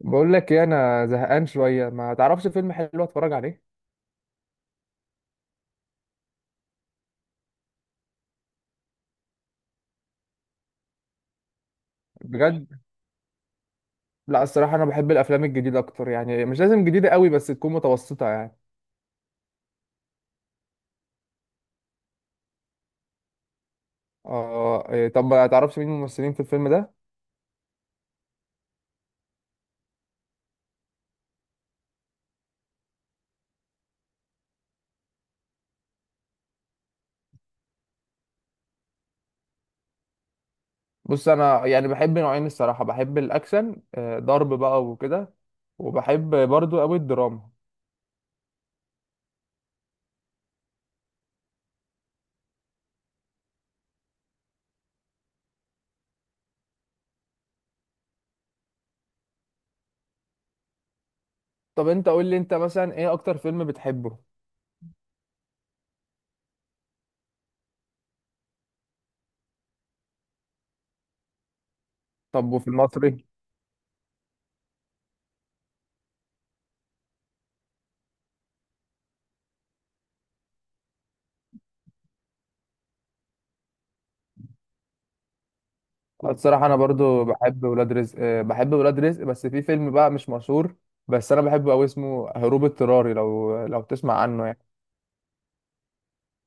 بقول لك ايه، انا زهقان شويه، ما تعرفش فيلم حلو اتفرج عليه؟ بجد؟ لا، الصراحه انا بحب الافلام الجديده اكتر، يعني مش لازم جديده قوي بس تكون متوسطه يعني. اه، إيه، طب ما تعرفش مين الممثلين في الفيلم ده؟ بص، انا يعني بحب نوعين، الصراحه بحب الاكشن، ضرب بقى وكده. وبحب برضو قوي الدراما. طب انت قول لي، انت مثلا ايه اكتر فيلم بتحبه؟ طب وفي المصري؟ أه، الصراحة أنا برضو بحب ولاد رزق، بحب ولاد رزق، بس في فيلم بقى مش مشهور. بس أنا بحبه أوي، اسمه هروب اضطراري، لو تسمع عنه يعني.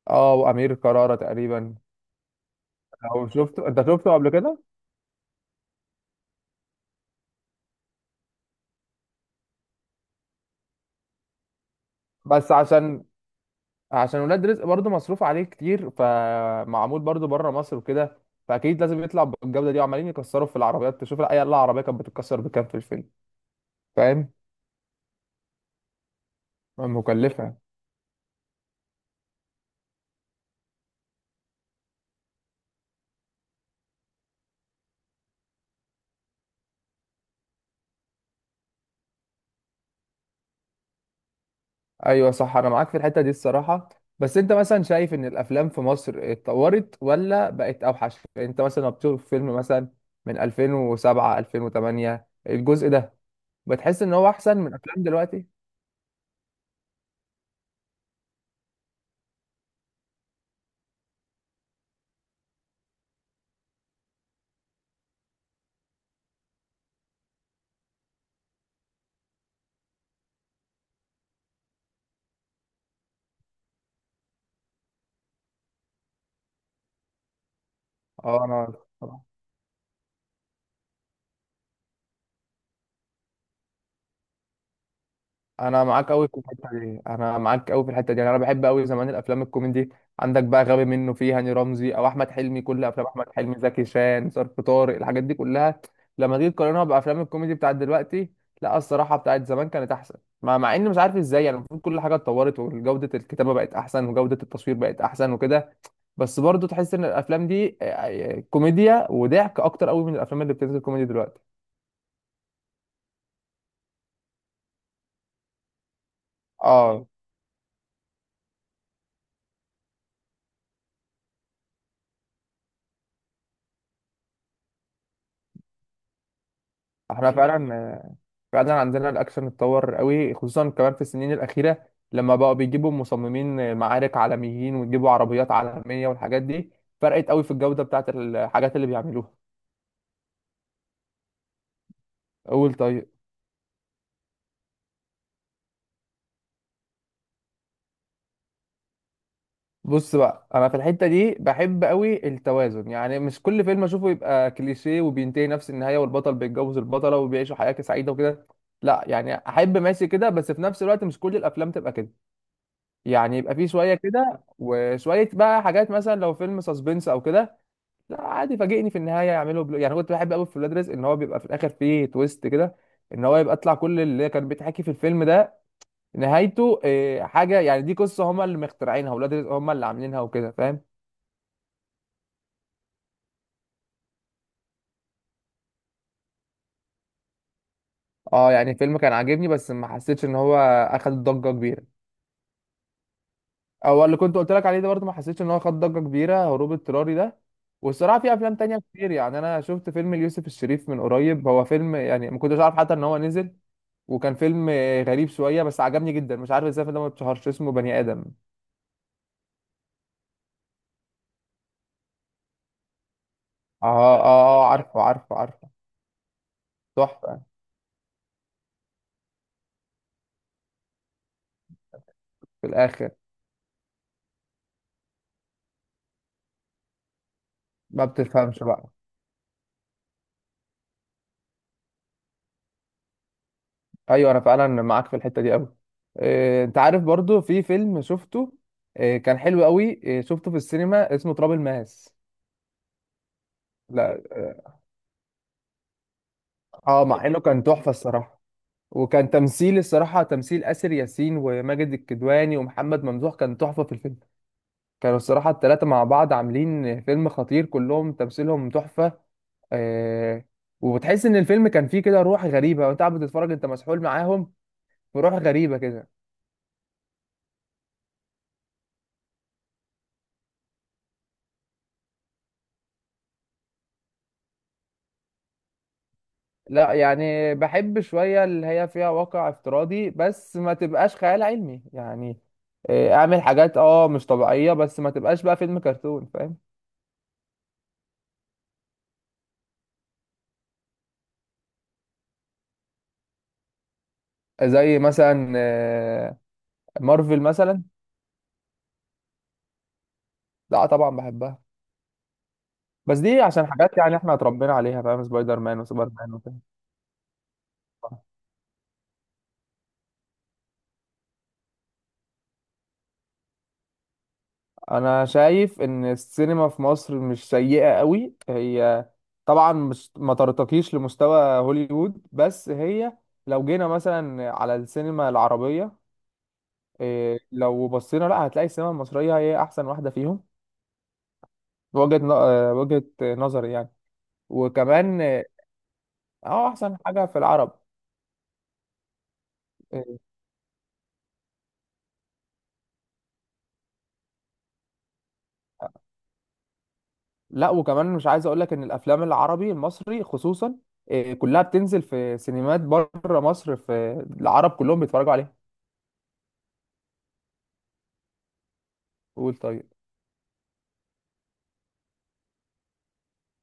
أه، وأمير كرارة تقريبا. لو شفته، أنت شفته قبل كده؟ بس عشان ولاد رزق برضو مصروف عليه كتير، فمعمول برضو بره مصر وكده. فأكيد لازم يطلع بالجودة دي، وعمالين يكسروا في العربيات، تشوف أي عربية كانت بتتكسر بكام في الفيلم. فاهم؟ مكلفة. ايوه، صح، انا معاك في الحته دي الصراحه. بس انت مثلا شايف ان الافلام في مصر اتطورت ولا بقت اوحش؟ يعني انت مثلا لما بتشوف فيلم مثلا من 2007 2008، الجزء ده، بتحس ان هو احسن من افلام دلوقتي؟ اه، انا معاك قوي في الحته دي، انا معاك قوي في الحته دي، يعني انا بحب قوي زمان الافلام الكوميدي. عندك بقى غبي منه، فيه هاني رمزي او احمد حلمي، كل افلام احمد حلمي، زكي شان، ظرف طارق، الحاجات دي كلها. لما تيجي تقارنها بافلام الكوميدي بتاعت دلوقتي، لا الصراحه بتاعت زمان كانت احسن. مع اني مش عارف ازاي يعني، المفروض كل حاجه اتطورت، وجوده الكتابه بقت احسن، وجوده التصوير بقت احسن وكده. بس برضه تحس ان الافلام دي كوميديا وضحك اكتر قوي من الافلام اللي بتنزل كوميدي دلوقتي. اه، احنا فعلا فعلا عندنا الاكشن اتطور قوي، خصوصا كمان في السنين الاخيره لما بقوا بيجيبوا مصممين معارك عالميين ويجيبوا عربيات عالميه والحاجات دي. فرقت قوي في الجوده بتاعت الحاجات اللي بيعملوها. قول طيب. بص بقى، انا في الحته دي بحب قوي التوازن، يعني مش كل فيلم اشوفه يبقى كليشيه وبينتهي نفس النهايه، والبطل بيتجوز البطله وبيعيشوا حياه سعيده وكده. لا، يعني احب ماشي كده، بس في نفس الوقت مش كل الافلام تبقى كده. يعني يبقى في شويه كده وشويه بقى حاجات، مثلا لو فيلم سسبنس او كده. لا، عادي فاجئني في النهايه، يعملوا يعني كنت بحب قوي في ولاد رزق ان هو بيبقى في الاخر فيه تويست كده. ان هو يبقى طلع كل اللي كان بيتحكي في الفيلم ده، نهايته إيه حاجه، يعني دي قصه هما اللي مخترعينها، ولاد رزق هما اللي عاملينها وكده، فاهم؟ اه، يعني الفيلم كان عاجبني، بس ما حسيتش ان هو اخد ضجه كبيره. هو اللي كنت قلت لك عليه ده برضه ما حسيتش ان هو خد ضجه كبيره، هروب اضطراري ده. والصراحه في افلام تانية كتير، يعني انا شفت فيلم ليوسف الشريف من قريب، هو فيلم يعني ما كنتش عارف حتى ان هو نزل. وكان فيلم غريب شويه، بس عجبني جدا، مش عارف ازاي الفيلم ده ما اتشهرش، اسمه بني ادم. اه، اه، اه، آه، عارفه، عارفه، عارفه. تحفه. في الاخر. ما بتفهمش بقى. ايوه، انا فعلا معاك في الحته دي قوي. انت عارف برضه في فيلم شفته، كان حلو قوي، شفته في السينما، اسمه تراب الماس. لا. اه، مع انه كان تحفه الصراحه. وكان تمثيل الصراحه، تمثيل آسر ياسين وماجد الكدواني ومحمد ممدوح، كان تحفه في الفيلم. كانوا الصراحه الثلاثه مع بعض عاملين فيلم خطير، كلهم تمثيلهم تحفه. آه. وبتحس ان الفيلم كان فيه كده روح غريبه، وانت قاعد بتتفرج انت مسحول معاهم. في روح غريبه كده. لا، يعني بحب شويه اللي هي فيها واقع افتراضي، بس ما تبقاش خيال علمي يعني. اعمل حاجات مش طبيعيه، بس ما تبقاش بقى فيلم كرتون، فاهم؟ زي مثلا مارفل مثلا. لا، طبعا بحبها. بس دي عشان حاجات يعني احنا اتربينا عليها، فاهم؟ سبايدر مان وسوبر مان وكده. انا شايف ان السينما في مصر مش سيئة قوي، هي طبعا مش ما ترتقيش لمستوى هوليوود، بس هي لو جينا مثلا على السينما العربية، لو بصينا لا هتلاقي السينما المصرية هي احسن واحدة فيهم. وجهة ن- آه، وجهة نظري يعني. وكمان، اه. أه، احسن حاجة في العرب. لا، وكمان مش عايز اقول لك ان الافلام العربي المصري خصوصا كلها بتنزل في سينمات بره مصر، في العرب كلهم بيتفرجوا عليها. قول طيب.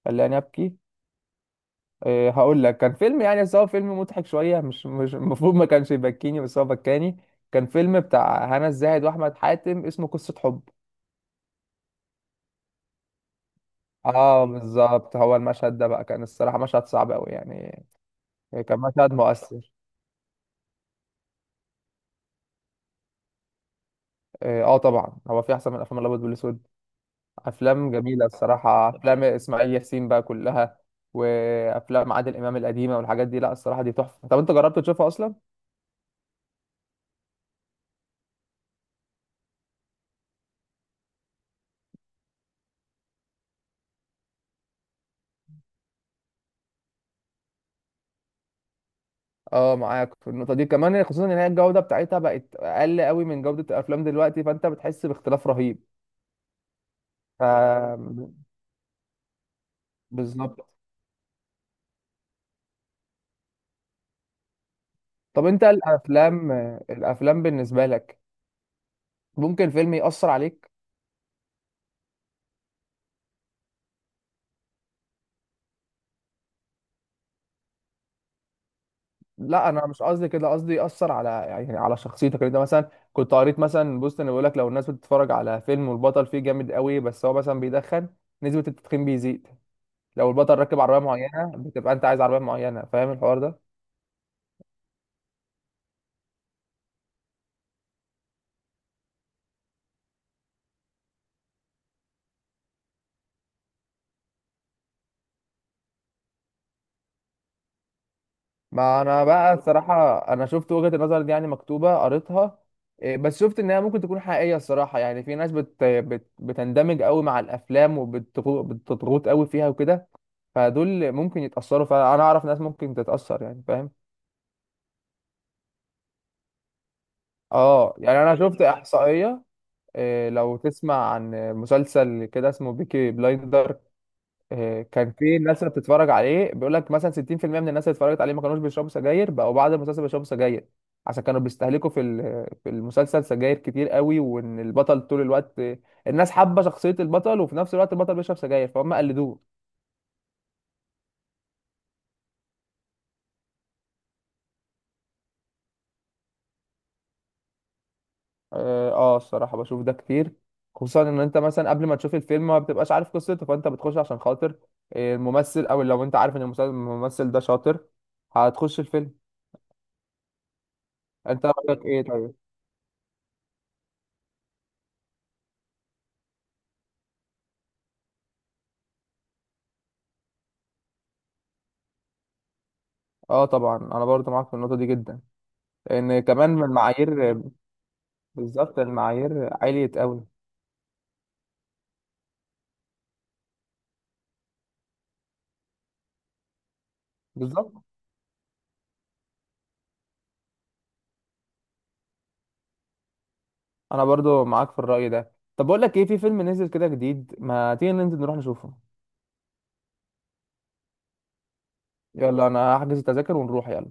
خلاني ابكي؟ هقول لك كان فيلم يعني، بس هو فيلم مضحك شويه، مش المفروض ما كانش يبكيني، بس هو بكاني. كان فيلم بتاع هنا الزاهد واحمد حاتم، اسمه قصه حب. اه، بالظبط، هو المشهد ده بقى كان الصراحه مشهد صعب قوي يعني. كان مشهد مؤثر. اه، آه، طبعا هو في احسن من افلام الابيض والاسود. افلام جميله الصراحه، افلام اسماعيل ياسين بقى كلها، وافلام عادل امام القديمه والحاجات دي، لا الصراحه دي تحفه، طب انت جربت تشوفها اصلا؟ اه، معاك في النقطه دي كمان، خصوصا ان هي الجوده بتاعتها بقت اقل قوي من جوده الافلام دلوقتي، فانت بتحس باختلاف رهيب. ف... بالظبط. طب انت، الافلام بالنسبه لك، ممكن فيلم يأثر عليك؟ لا، انا مش قصدي كده، قصدي ياثر على، يعني على شخصيتك، يعني انت مثلا كنت قريت مثلا بوست انه بيقول لك لو الناس بتتفرج على فيلم والبطل فيه جامد قوي بس هو مثلا بيدخن، نسبه التدخين بيزيد. لو البطل راكب عربيه معينه، بتبقى انت عايز عربيه معينه، فاهم الحوار ده؟ ما انا بقى الصراحه انا شفت وجهه النظر دي يعني مكتوبه قريتها. بس شفت انها ممكن تكون حقيقيه الصراحه، يعني في ناس بتندمج قوي مع الافلام، وبتضغط قوي فيها وكده. فدول ممكن يتاثروا، فانا اعرف ناس ممكن تتاثر يعني، فاهم؟ اه، يعني انا شفت احصائيه، لو تسمع عن مسلسل كده اسمه بيكي بلايندر. كان في ناس اللي بتتفرج عليه بيقول لك مثلا 60% من الناس اللي اتفرجت عليه ما كانوش بيشربوا سجاير، بقوا بعد المسلسل بيشربوا سجاير. عشان كانوا بيستهلكوا في المسلسل سجاير كتير قوي، وان البطل طول الوقت، الناس حابه شخصيه البطل، وفي نفس الوقت البطل بيشرب سجاير، فهم قلدوه. اه، الصراحه بشوف ده كتير. خصوصا ان انت مثلا قبل ما تشوف الفيلم ما بتبقاش عارف قصته، فانت بتخش عشان خاطر الممثل، او لو انت عارف ان الممثل ده شاطر، هتخش الفيلم. انت رايك ايه طيب؟ اه، طبعا انا برضه معاك في النقطه دي جدا، لان كمان من المعايير. بالظبط، المعايير عاليه قوي. بالظبط، انا برضه معاك في الراي ده. طب بقول لك ايه، في فيلم نزل كده جديد، ما تيجي ننزل نروح نشوفه؟ يلا، انا هحجز التذاكر ونروح، يلا.